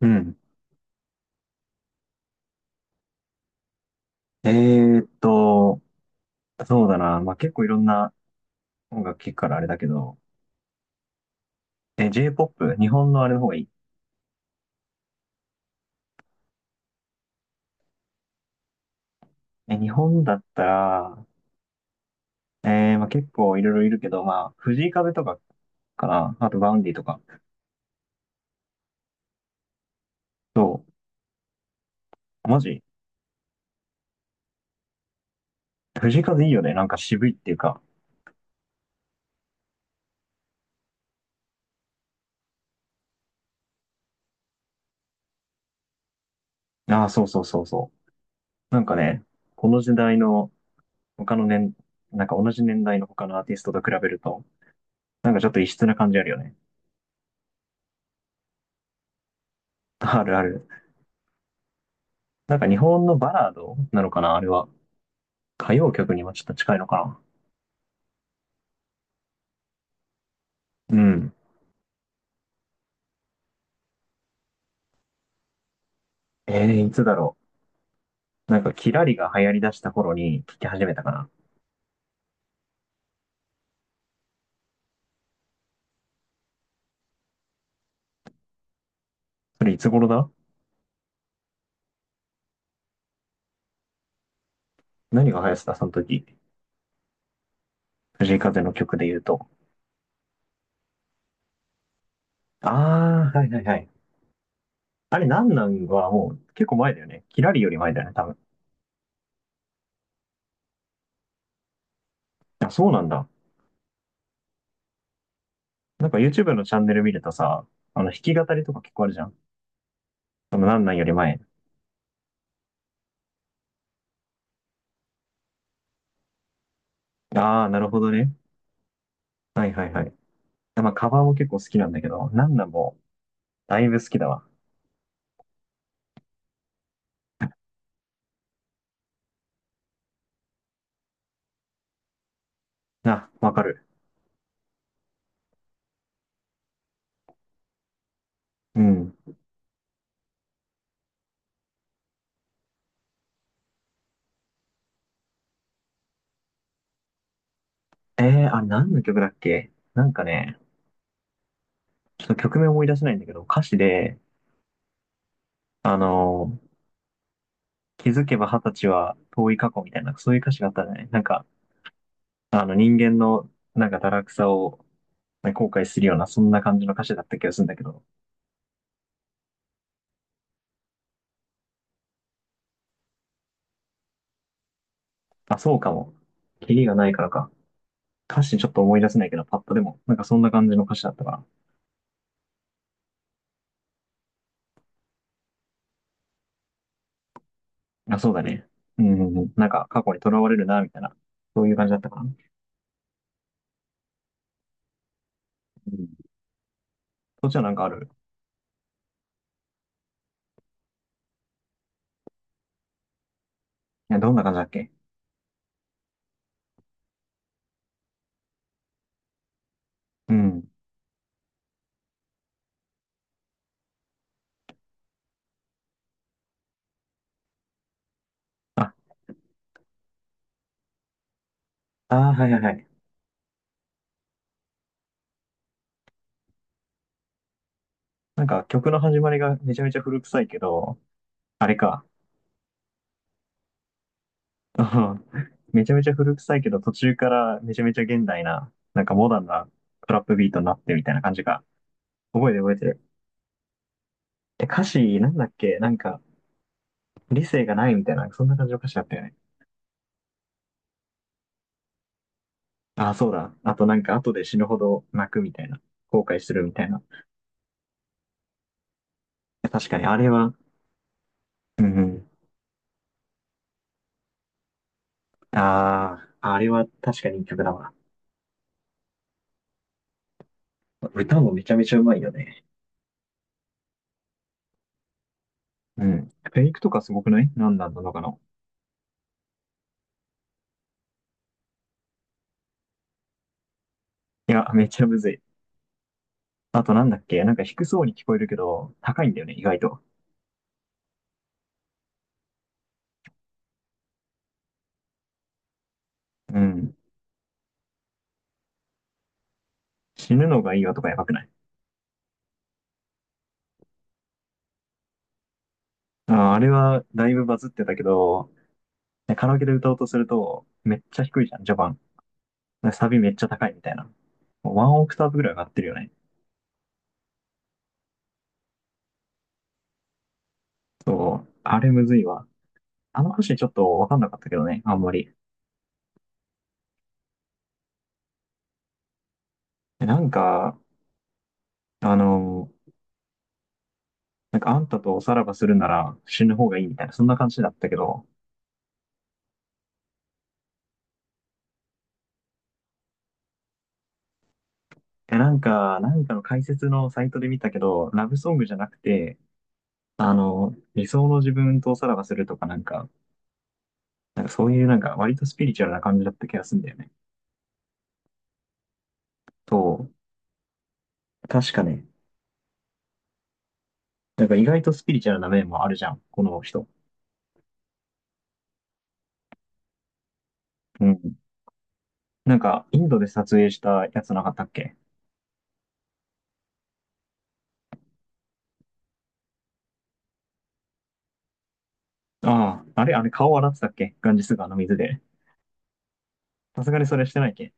うん。えーっと、そうだな。まあ、結構いろんな音楽聴くからあれだけど、J-POP、日本のあれの方がいい。日本だったら、まあ、結構いろいろいるけど、まあ、藤井風とかかな。あと、バウンディとか。そう。マジ藤井風いいよね。なんか渋いっていうか。ああ、そうそうそうそう。なんかね、この時代の他の年、なんか同じ年代の他のアーティストと比べると、なんかちょっと異質な感じあるよね。あるある。なんか日本のバラードなのかな、あれは。歌謡曲にもちょっと近いのかな。うん。いつだろう。なんか、キラリが流行り出した頃に聴き始めたかな。それいつ頃だ？何が流行ってたその時。藤井風の曲で言うと。ああ、はいはいはい。あれ、なんなんはもう結構前だよね。キラリより前だよね、多分。あ、そうなんだ。なんか YouTube のチャンネル見るとさ、弾き語りとか結構あるじゃん。そのなんなんより前。ああ、なるほどね。はいはいはい。まあ、カバーも結構好きなんだけど、なんなんもだいぶ好きだわ。あ、わかる。うん。えあれ何の曲だっけ、なんかね、ちょっと曲名思い出せないんだけど、歌詞で、あのー気づけば二十歳は遠い過去みたいな、そういう歌詞があったじゃないなんか、あの人間のなんか堕落さを、ね、後悔するような、そんな感じの歌詞だった気がするんだけど、あ、そうかも。キリがないからか。歌詞ちょっと思い出せないけど、パッとでも、なんかそんな感じの歌詞だったから。あ、そうだね。うん、なんか過去に囚われるな、みたいな、そういう感じだったかな。うん。そっちはなんかある？いや、どんな感じだっけ？うん。ああ、はいはいはい。なんか曲の始まりがめちゃめちゃ古臭いけど、あれか。うん めちゃめちゃ古臭いけど、途中からめちゃめちゃ現代な、なんかモダンなトラップビートになってみたいな感じか。覚えてる覚えてる。で、歌詞なんだっけなんか、理性がないみたいな、そんな感じの歌詞だったよね。ああ、そうだ。あとなんか、後で死ぬほど泣くみたいな。後悔するみたいな。確かに、あれは、うん、ああ、あれは確かにいい曲だわ。歌もめちゃめちゃうまいよね。うん。フェイクとかすごくない？何なんなのかな。いや、めっちゃむずい。あとなんだっけなんか低そうに聞こえるけど、高いんだよね、意外と。うん。死ぬのがいいわとかやばくない？あー、あれはだいぶバズってたけど、ねカラオケで歌おうとすると、めっちゃ低いじゃん、序盤。サビめっちゃ高いみたいな。ワンオクターブぐらい上がってるよね。そう。あれむずいわ。あの歌詞ちょっとわかんなかったけどね、あんまり。なんか、あの、なんかあんたとおさらばするなら死ぬ方がいいみたいな、そんな感じだったけど、なんか、何かの解説のサイトで見たけど、ラブソングじゃなくて、理想の自分とおさらばするとかなんか、なんかそういうなんか割とスピリチュアルな感じだった気がするんだよね。そう。確かね。なんか意外とスピリチュアルな面もあるじゃん、この人。うん。なんか、インドで撮影したやつなかったっけ？ああ、あれ顔洗ってたっけ、ガンジス川の水で。さすがにそれしてないっけ？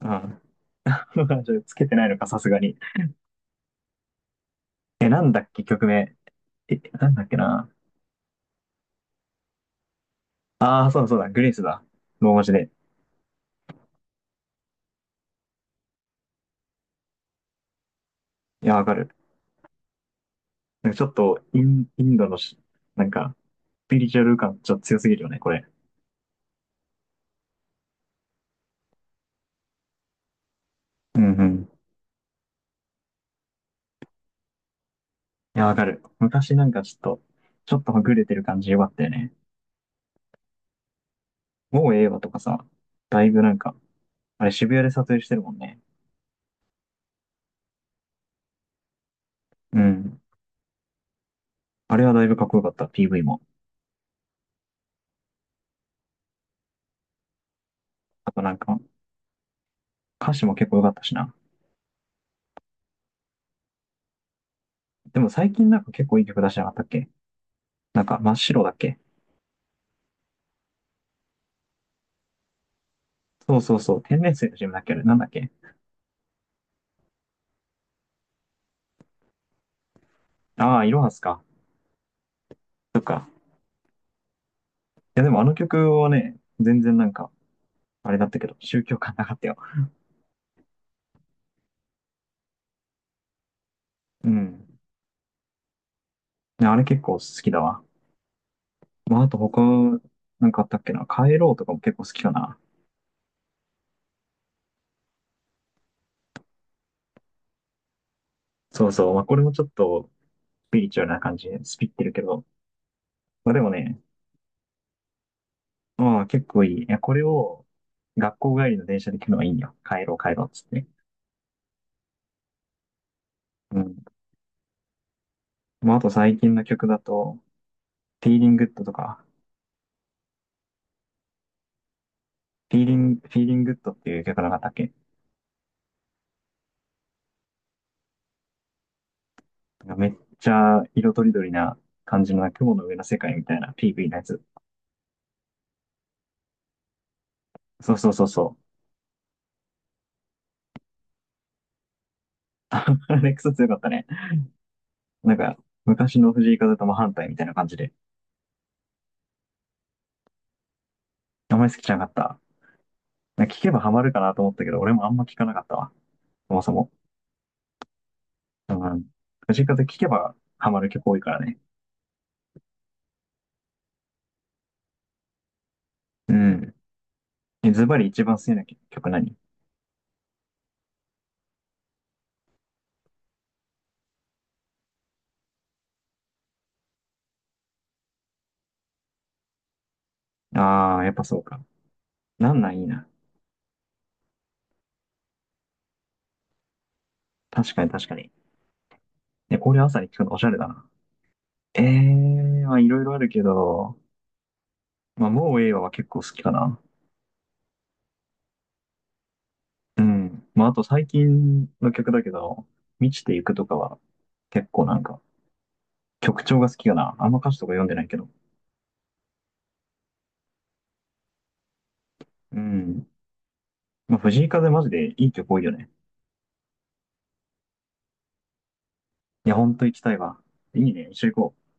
ああ。じゃあつけてないのか、さすがに。なんだっけ、曲名。なんだっけな。ああ、そうだそうだ、グレイスだ。ローマ字で。いや、わかる。なんかちょっとインドのなんか、スピリチュアル感ちょっと強すぎるよね、これ。うんうん。いや、わかる。昔なんかちょっとはぐれてる感じよかったよね。もうええわとかさ、だいぶなんか、あれ渋谷で撮影してるもんね。うん。あれはだいぶかっこよかった、PV も。あとなんか、歌詞も結構よかったしな。でも最近なんか結構いい曲出してなかったっけ？なんか真っ白だっけ？そうそうそう、天然水の c ムだっけ、あれなんだっけ？ああー、いろはすか。そっか。いや、でもあの曲はね、全然なんか、あれだったけど、宗教感なかったよ。うん。ね、あれ結構好きだわ。まあ、あと他、なんかあったっけな。帰ろうとかも結構好きかな。そうそう。まあ、これもちょっと、スピリチュアルな感じで、スピってるけど。まあ、でもね、まあ、結構いい。いや、これを、学校帰りの電車で聞くのがいいんよ。帰ろう、帰ろう、っつって。うん。まあ、あと最近の曲だと、フィーリングッドとか、フィーリングッドっていう曲なかったっけ？なんかめっちゃ色とりどりな感じの雲の上の世界みたいな PV のやつ。そうそうそうそう。あれクソ強かったね。なんか、昔の藤井風とも反対みたいな感じで。あんまり好きじゃなかった。なんか聞けばハマるかなと思ったけど、俺もあんま聞かなかったわ。そもそも。うん。藤井風聞けばハマる曲多いからね。うん。ズバリ一番好きな曲何？ああ、やっぱそうか。なんなんいいな。確かに確かに。ね、これ朝に聞くのおしゃれだな。ええ、まあいろいろあるけど、まあもうええわは結構好きかな。うん。まああと最近の曲だけど、満ちていくとかは結構なんか曲調が好きかな。あんま歌詞とか読んでないけど。うん。まあ、藤井風マジでいい曲多いよね。いや、ほんと行きたいわ。いいね。一緒行こう。